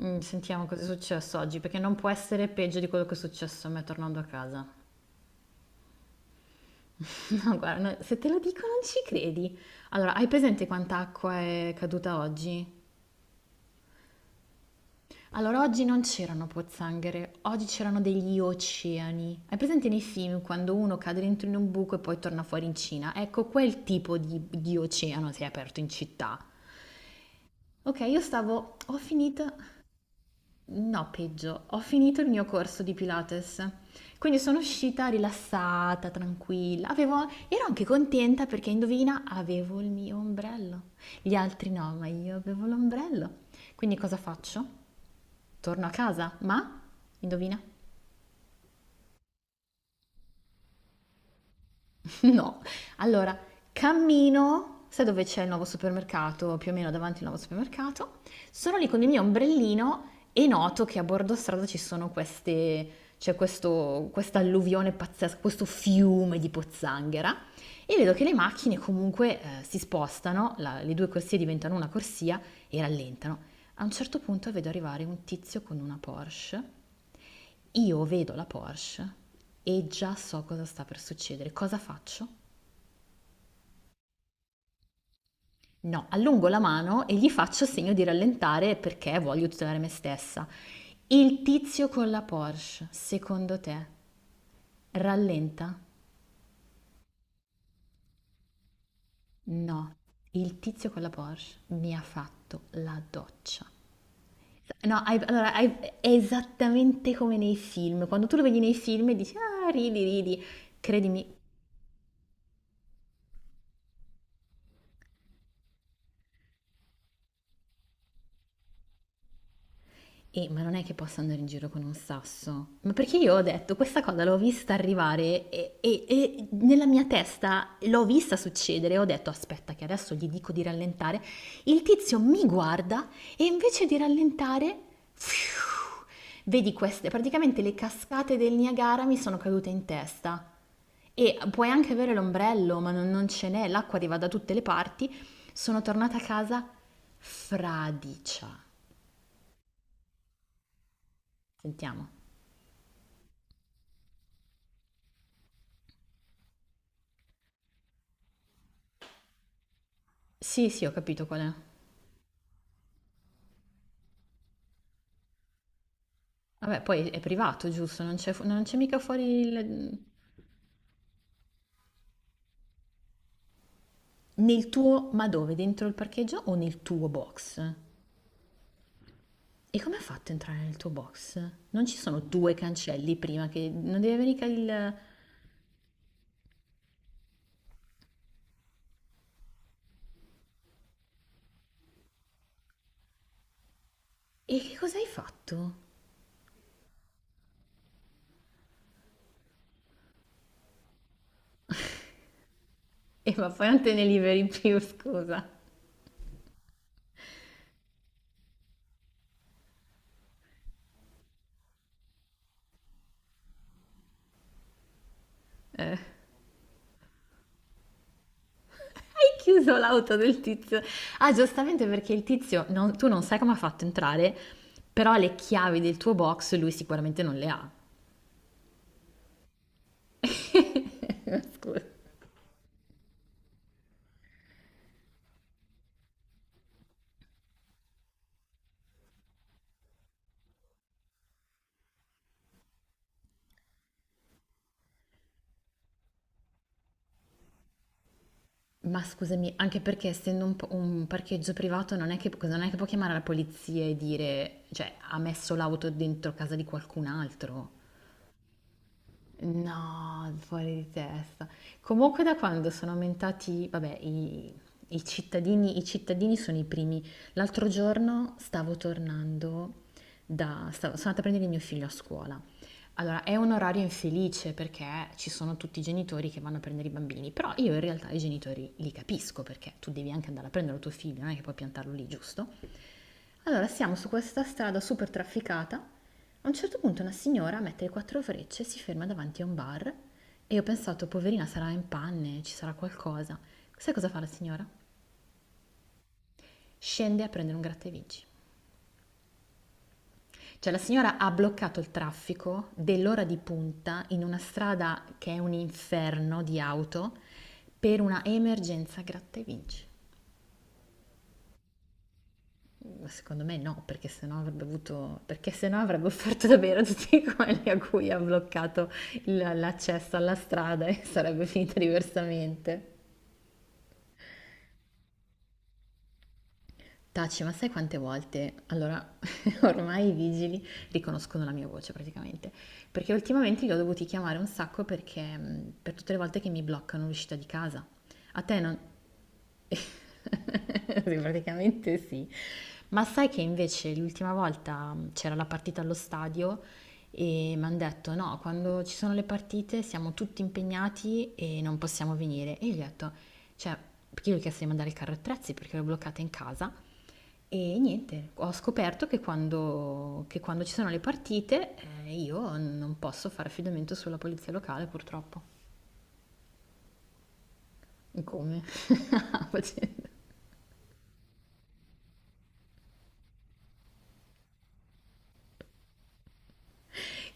Sentiamo cosa è successo oggi, perché non può essere peggio di quello che è successo a me tornando a casa. No, guarda, no, se te lo dico non ci credi. Allora, hai presente quanta acqua è caduta oggi? Allora, oggi non c'erano pozzanghere, oggi c'erano degli oceani. Hai presente nei film quando uno cade dentro in un buco e poi torna fuori in Cina? Ecco, quel tipo di oceano si è aperto in città. Ok, io stavo, ho finito. No, peggio, ho finito il mio corso di Pilates, quindi sono uscita rilassata, tranquilla. Avevo, ero anche contenta perché indovina, avevo il mio ombrello. Gli altri no, ma io avevo l'ombrello. Quindi cosa faccio? Torno a casa, ma indovina? No, allora cammino, sai dove c'è il nuovo supermercato, più o meno davanti al nuovo supermercato, sono lì con il mio ombrellino e noto che a bordo strada ci sono queste, c'è questo, questa alluvione pazzesca, questo fiume di pozzanghera e vedo che le macchine comunque si spostano, le due corsie diventano una corsia e rallentano. A un certo punto vedo arrivare un tizio con una Porsche, io vedo la Porsche e già so cosa sta per succedere. Cosa faccio? No, allungo la mano e gli faccio segno di rallentare perché voglio tutelare me stessa. Il tizio con la Porsche, secondo te, rallenta? No, il tizio con la Porsche mi ha fatto la doccia. No, allora, è esattamente come nei film. Quando tu lo vedi nei film e dici, ah, ridi, ridi. Credimi. Ma non è che posso andare in giro con un sasso. Ma perché io ho detto, questa cosa l'ho vista arrivare e nella mia testa l'ho vista succedere. Ho detto, aspetta che adesso gli dico di rallentare. Il tizio mi guarda e invece di rallentare, fiu, vedi queste, praticamente le cascate del Niagara mi sono cadute in testa. E puoi anche avere l'ombrello, ma non ce n'è, l'acqua arriva da tutte le parti. Sono tornata a casa fradicia. Sentiamo. Sì, sì, ho capito qual è. Vabbè, poi è privato, giusto? Non c'è non c'è mica fuori il... Nel tuo... Ma dove? Dentro il parcheggio o nel tuo box? E come ha fatto a entrare nel tuo box? Non ci sono due cancelli prima che... Non deve venire mica il... E che cosa hai fatto? E ma poi non te ne liberi più, scusa. Eh, hai chiuso l'auto del tizio. Ah, giustamente perché il tizio... tu non sai come ha fatto a entrare, però le chiavi del tuo box lui sicuramente non le ha. Scusa. Ma scusami, anche perché essendo un parcheggio privato non è che, non è che può chiamare la polizia e dire, cioè, ha messo l'auto dentro casa di qualcun altro. No, fuori di testa. Comunque da quando sono aumentati, vabbè, i cittadini sono i primi. L'altro giorno stavo tornando da... sono andata a prendere il mio figlio a scuola. Allora, è un orario infelice perché ci sono tutti i genitori che vanno a prendere i bambini, però io in realtà i genitori li capisco perché tu devi anche andare a prendere il tuo figlio, non è che puoi piantarlo lì, giusto? Allora, siamo su questa strada super trafficata. A un certo punto una signora mette le quattro frecce, si ferma davanti a un bar e io ho pensato, poverina, sarà in panne, ci sarà qualcosa. Sai cosa fa la signora? Scende a prendere un gratta e vinci. Cioè la signora ha bloccato il traffico dell'ora di punta in una strada che è un inferno di auto per una emergenza gratta e vinci. Secondo me no, perché sennò avrebbe avuto, perché sennò avrebbe offerto davvero a tutti quelli a cui ha bloccato l'accesso alla strada e sarebbe finita diversamente. Taci, ma sai quante volte? Allora, ormai i vigili riconoscono la mia voce praticamente. Perché ultimamente li ho dovuti chiamare un sacco perché per tutte le volte che mi bloccano l'uscita di casa. A te non... Sì, praticamente sì. Ma sai che invece l'ultima volta c'era la partita allo stadio e mi hanno detto no, quando ci sono le partite siamo tutti impegnati e non possiamo venire. E io gli ho detto, cioè, perché io gli ho chiesto di mandare il carro attrezzi perché l'ho bloccata in casa. E niente, ho scoperto che quando ci sono le partite, io non posso fare affidamento sulla polizia locale, purtroppo. Come?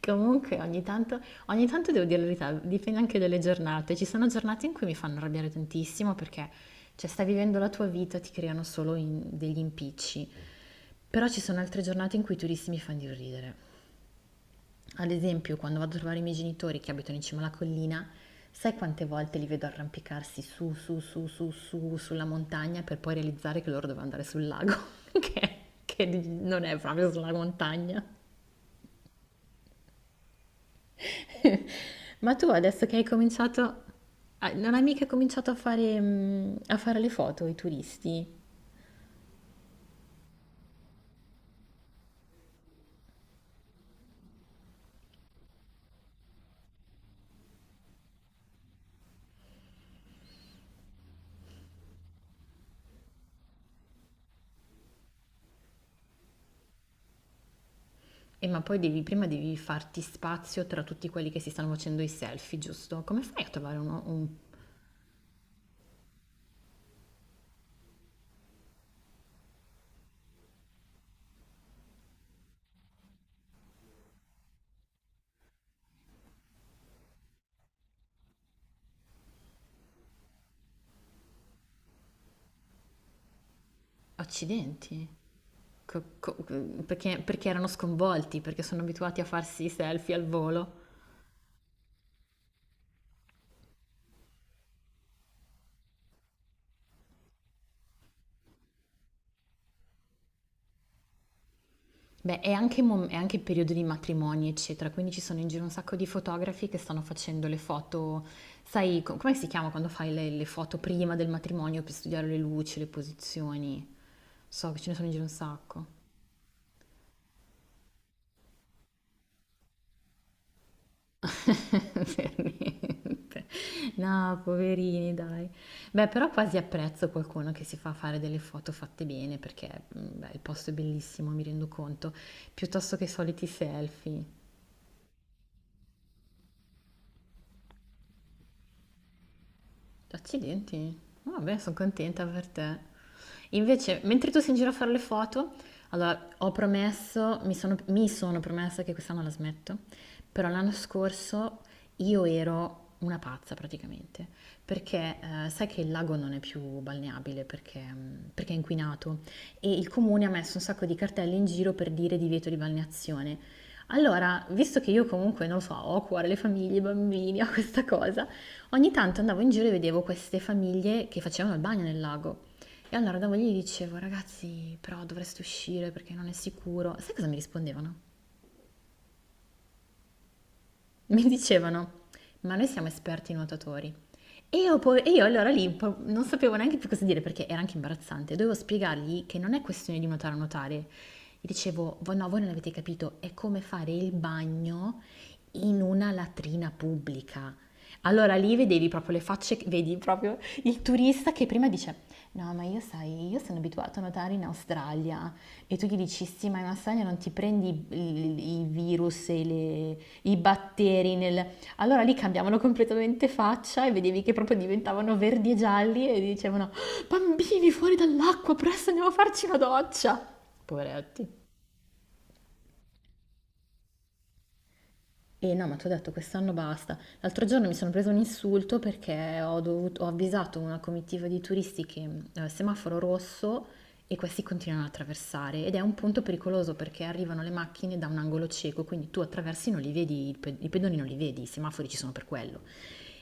Comunque ogni tanto devo dire la verità, dipende anche dalle giornate. Ci sono giornate in cui mi fanno arrabbiare tantissimo perché cioè, stai vivendo la tua vita, ti creano solo degli impicci. Però ci sono altre giornate in cui i turisti mi fanno di ridere. Ad esempio, quando vado a trovare i miei genitori che abitano in cima alla collina, sai quante volte li vedo arrampicarsi su, su, su, su, su, sulla montagna per poi realizzare che loro dovevano andare sul lago, che, che non è proprio sulla montagna. Ma tu adesso che hai cominciato, ah, non hai mica cominciato a fare, a fare le foto ai turisti? E ma poi devi, prima devi farti spazio tra tutti quelli che si stanno facendo i selfie, giusto? Come fai a trovare uno, un... Accidenti. co- co- perché, perché erano sconvolti, perché sono abituati a farsi i selfie al volo. Beh, è anche, è anche il periodo di matrimoni, eccetera, quindi ci sono in giro un sacco di fotografi che stanno facendo le foto, sai, come si chiama quando fai le foto prima del matrimonio per studiare le luci, le posizioni? So che ce ne sono in giro un sacco. Per niente. No, poverini, dai. Beh, però quasi apprezzo qualcuno che si fa fare delle foto fatte bene perché beh, il posto è bellissimo, mi rendo conto, piuttosto che i soliti selfie. Accidenti. No, vabbè, sono contenta per te. Invece, mentre tu sei in giro a fare le foto, allora ho promesso, mi sono promessa che quest'anno la smetto, però l'anno scorso io ero una pazza praticamente, perché sai che il lago non è più balneabile perché, perché è inquinato e il comune ha messo un sacco di cartelle in giro per dire divieto di balneazione. Allora, visto che io comunque, non lo so, ho a cuore le famiglie, i bambini, ho questa cosa, ogni tanto andavo in giro e vedevo queste famiglie che facevano il bagno nel lago. E allora andavo lì e gli dicevo, ragazzi, però dovreste uscire perché non è sicuro. Sai cosa mi rispondevano? Mi dicevano, ma noi siamo esperti nuotatori. E io, e io allora lì un po' non sapevo neanche più cosa dire perché era anche imbarazzante. Dovevo spiegargli che non è questione di nuotare o nuotare. Gli dicevo, no, voi non avete capito, è come fare il bagno in una latrina pubblica". Allora lì vedevi proprio le facce, vedi proprio il turista che prima dice, no, ma io sai, io sono abituato a nuotare in Australia. E tu gli dici, sì, ma in Australia non ti prendi i virus e le, i batteri nel... Allora lì cambiavano completamente faccia e vedevi che proprio diventavano verdi e gialli e dicevano "Ah, bambini fuori dall'acqua, presto andiamo a farci una doccia". Poveretti. E no, ma ti ho detto, quest'anno basta. L'altro giorno mi sono preso un insulto perché ho avvisato una comitiva di turisti che semaforo rosso e questi continuano ad attraversare ed è un punto pericoloso perché arrivano le macchine da un angolo cieco, quindi tu attraversi non li vedi, i pedoni non li vedi, i semafori ci sono per quello.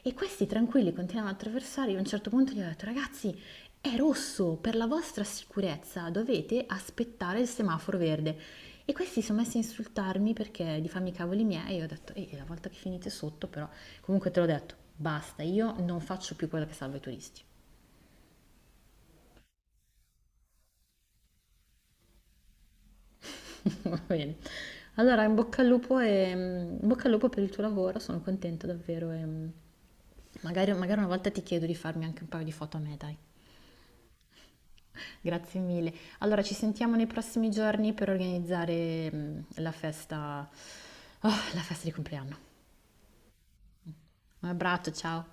E questi tranquilli continuano ad attraversare, io a un certo punto gli ho detto, ragazzi, è rosso, per la vostra sicurezza dovete aspettare il semaforo verde. E questi si sono messi a insultarmi perché di farmi i cavoli miei, e io ho detto, ehi, la volta che finite sotto però, comunque te l'ho detto, basta, io non faccio più quella che salva i turisti. Va bene. Allora, in bocca al lupo e in bocca al lupo per il tuo lavoro, sono contenta davvero e magari, magari una volta ti chiedo di farmi anche un paio di foto a me, dai. Grazie mille. Allora, ci sentiamo nei prossimi giorni per organizzare la festa, ah, la festa di compleanno. Un abbraccio, ciao.